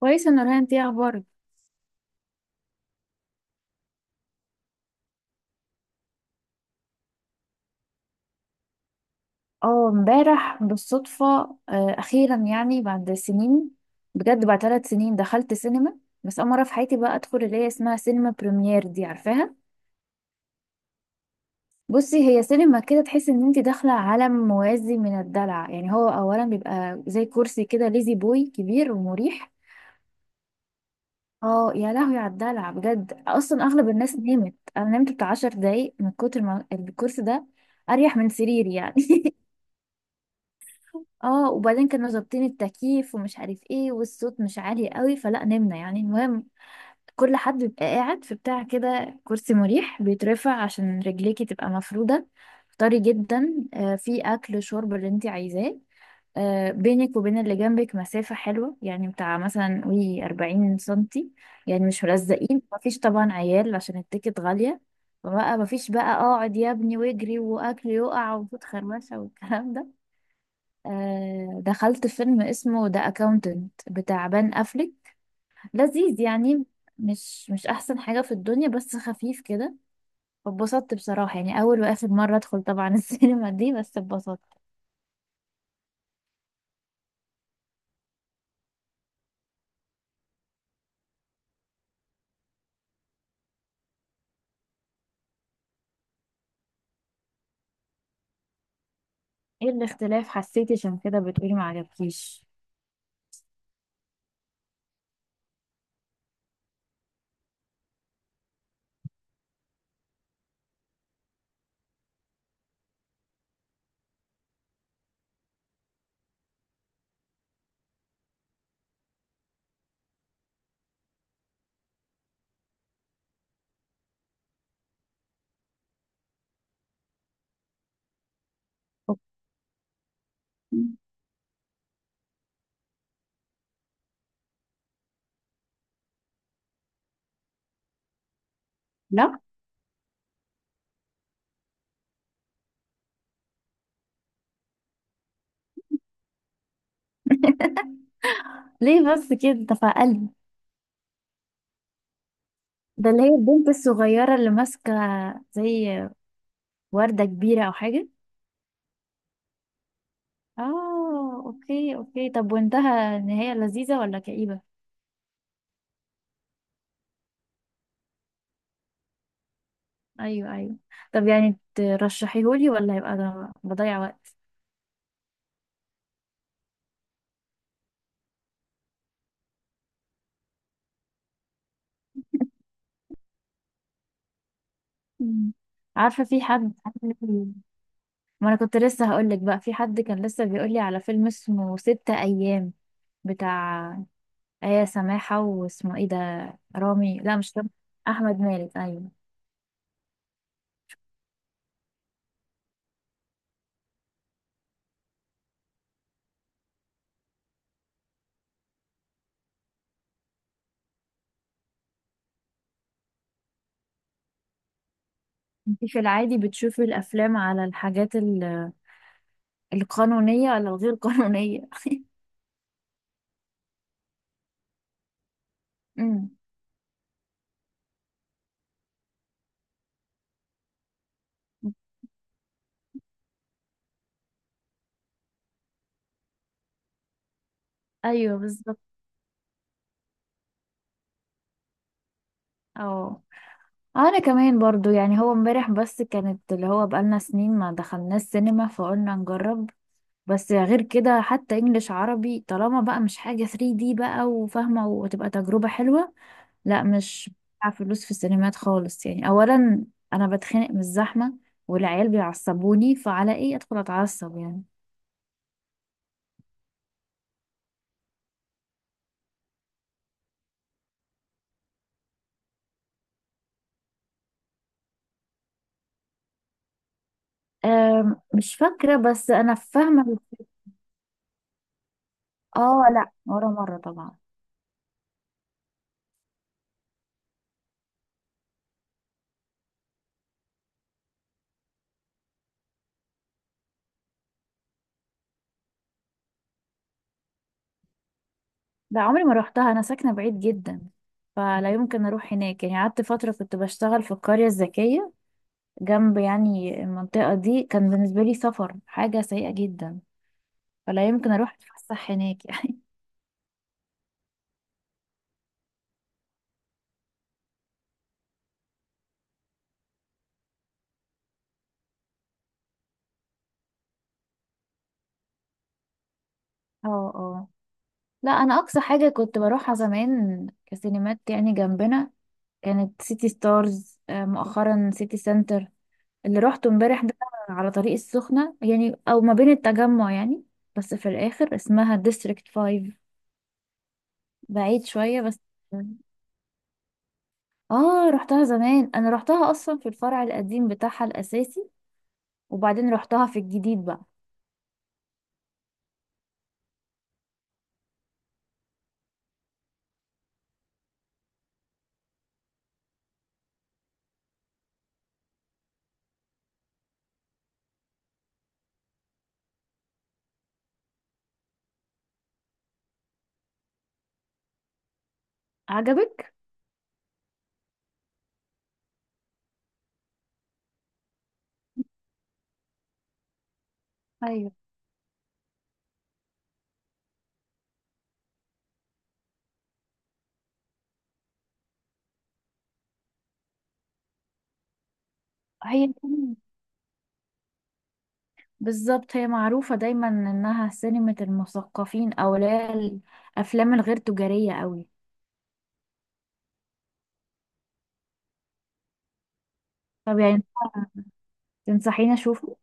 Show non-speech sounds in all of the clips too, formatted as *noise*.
كويسة نورهان، انتي اخبارك؟ اه امبارح بالصدفة. اخيرا يعني بعد سنين. بجد بعد 3 سنين دخلت سينما، بس اول مرة في حياتي بقى ادخل اللي هي اسمها سينما بريمير، دي عارفاها؟ بصي، هي سينما كده تحس ان انت داخلة عالم موازي من الدلع. يعني هو اولا بيبقى زي كرسي كده ليزي بوي كبير ومريح. اه يا لهوي على الدلع بجد، اصلا اغلب الناس نامت، انا نمت بتاع 10 دقايق من كتر ما الكرسي ده اريح من سريري يعني. *laughs* اه وبعدين كانوا ظابطين التكييف ومش عارف ايه والصوت مش عالي قوي فلا نمنا يعني. المهم كل حد بيبقى قاعد في بتاع كده كرسي مريح بيترفع عشان رجليكي تبقى مفرودة، طري جدا. في اكل شرب اللي انت عايزاه. بينك وبين اللي جنبك مسافة حلوة يعني، بتاع مثلا قولي 40 سنتي، يعني مش ملزقين، مفيش طبعا عيال عشان التيكت غالية، فبقى مفيش بقى اقعد يا ابني واجري واكل يقع وفوت خربشة والكلام. دخلت فيلم اسمه ذا اكاونتنت بتاع بان افليك، لذيذ يعني. مش احسن حاجة في الدنيا، بس خفيف كده. اتبسطت بصراحة، يعني اول واخر مرة ادخل طبعا *laughs* السينما دي، بس اتبسطت. ايه الاختلاف حسيتي عشان كده بتقولي ما عجبكيش؟ أوكي. لا، ليه بس كده؟ ده في قلبي. ده اللي هي البنت الصغيرة اللي ماسكة زي وردة كبيرة او حاجة. اه اوكي اوكي، طب وانتهى، النهاية لذيذة ولا كئيبة؟ ايوه ايوه. طب يعني ترشحيهولي ولا هيبقى ده بضيع وقت؟ مم. عارفه في حد، ما انا كنت لسه هقولك، بقى في حد كان لسه بيقولي على فيلم اسمه ستة ايام بتاع آية سماحة. واسمه ايه ده؟ رامي، لا مش رامي، احمد مالك ايوه. انتي في العادي بتشوفي الافلام على الحاجات القانونية ولا الغير قانونية؟ *laughs* امم، ايوه بالظبط اه. انا كمان برضو يعني، هو امبارح بس كانت اللي هو بقالنا سنين ما دخلناش سينما فقلنا نجرب. بس غير كده حتى انجليش عربي طالما بقى مش حاجة 3D بقى وفاهمة وتبقى تجربة حلوة. لا مش بدفع فلوس في السينمات خالص يعني، اولا انا بتخنق من الزحمة والعيال بيعصبوني، فعلى ايه ادخل اتعصب يعني. مش فاكرة بس انا فاهمة الفكرة. اه لا، ولا مرة طبعا. لا عمري ما روحتها، انا ساكنه بعيد جدا فلا يمكن اروح هناك يعني. قعدت فتره كنت بشتغل في القريه الذكيه جنب يعني المنطقه دي، كان بالنسبه لي سفر حاجه سيئه جدا، فلا يمكن اروح اتفسح هناك يعني. *laughs* اه اه، لا انا اقصى حاجه كنت بروحها زمان كسينمات يعني جنبنا كانت سيتي ستارز. مؤخرا سيتي سنتر اللي روحته امبارح ده، على طريق السخنه يعني، او ما بين التجمع يعني، بس في الاخر اسمها ديستريكت 5، بعيد شويه بس. اه رحتها زمان، انا رحتها اصلا في الفرع القديم بتاعها الاساسي، وبعدين رحتها في الجديد بقى. عجبك؟ ايوه هي كمان- بالظبط، هي معروفة دايما انها سينما المثقفين او اللي هي الافلام الغير تجارية قوي. طب يعني تنصحيني اشوفه؟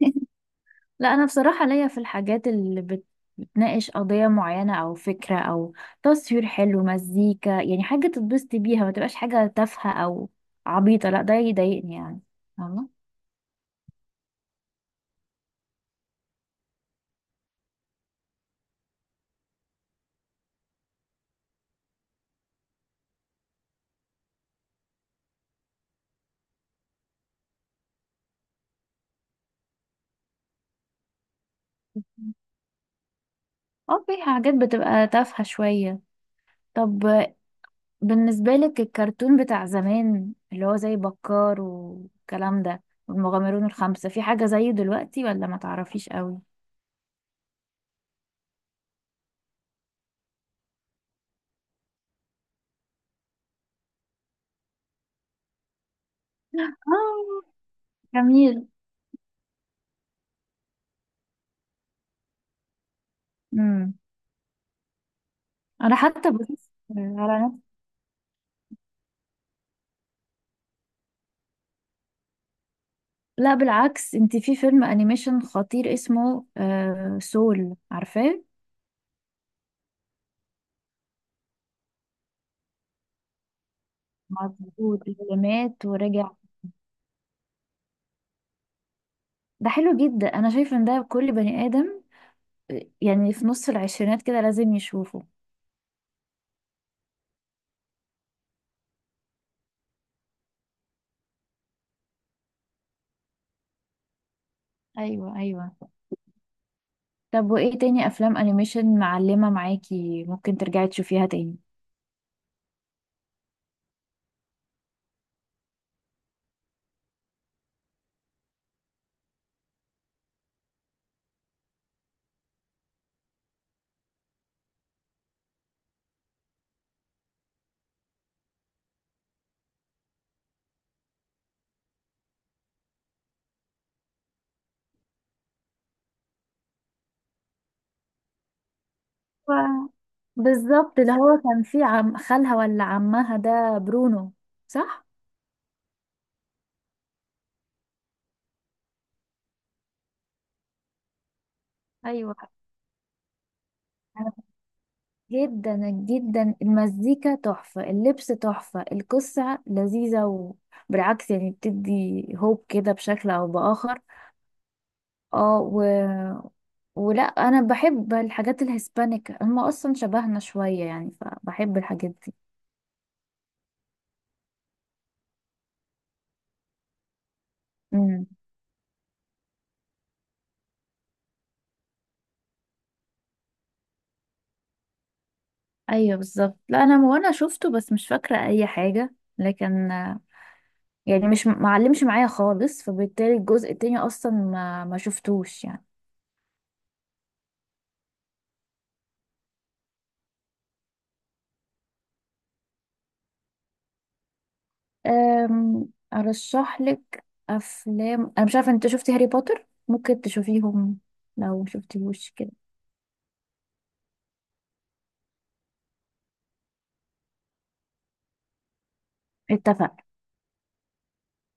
*laughs* لا انا بصراحة ليا في الحاجات بتناقش قضية معينة او فكرة او تصوير حلو مزيكا، يعني حاجة تتبسطي بيها ما تبقاش حاجة تافهة او عبيطة، لا ده يضايقني يعني، فاهمة؟ اه في حاجات بتبقى تافهة شوية. طب بالنسبة لك الكرتون بتاع زمان اللي هو زي بكار والكلام ده والمغامرون الخمسة، في حاجة زيه دلوقتي ولا ما تعرفيش قوي؟ اه. جميل. امم. انا حتى بشوف على نفسي. لا بالعكس، انت في فيلم انيميشن خطير اسمه سول، عارفاه؟ مظبوط، اللي مات ورجع. ده حلو جدا، انا شايفه ان ده كل بني ادم، يعني في نص العشرينات كده لازم يشوفه. ايوه ايوه. طب وايه تاني افلام انيميشن معلمة معاكي ممكن ترجعي تشوفيها تاني؟ و- بالظبط، اللي هو كان في عم خالها ولا عمها ده برونو، صح؟ ايوه. أنا جدا جدا، المزيكا تحفة، اللبس تحفة، القصة لذيذة، وبالعكس يعني بتدي هوب كده بشكل أو بآخر. اه و... ولا أنا بحب الحاجات الهسبانيك، هم أصلا شبهنا شوية يعني فبحب الحاجات دي. إمم. ايوه بالظبط. لا انا، وانا شفته بس مش فاكره اي حاجه، لكن يعني مش معلمش معايا خالص، فبالتالي الجزء التاني اصلا ما شفتوش يعني. ارشح لك افلام، انا مش عارفه انت شفتي هاري بوتر؟ ممكن تشوفيهم لو مشفتيهوش كده. اتفق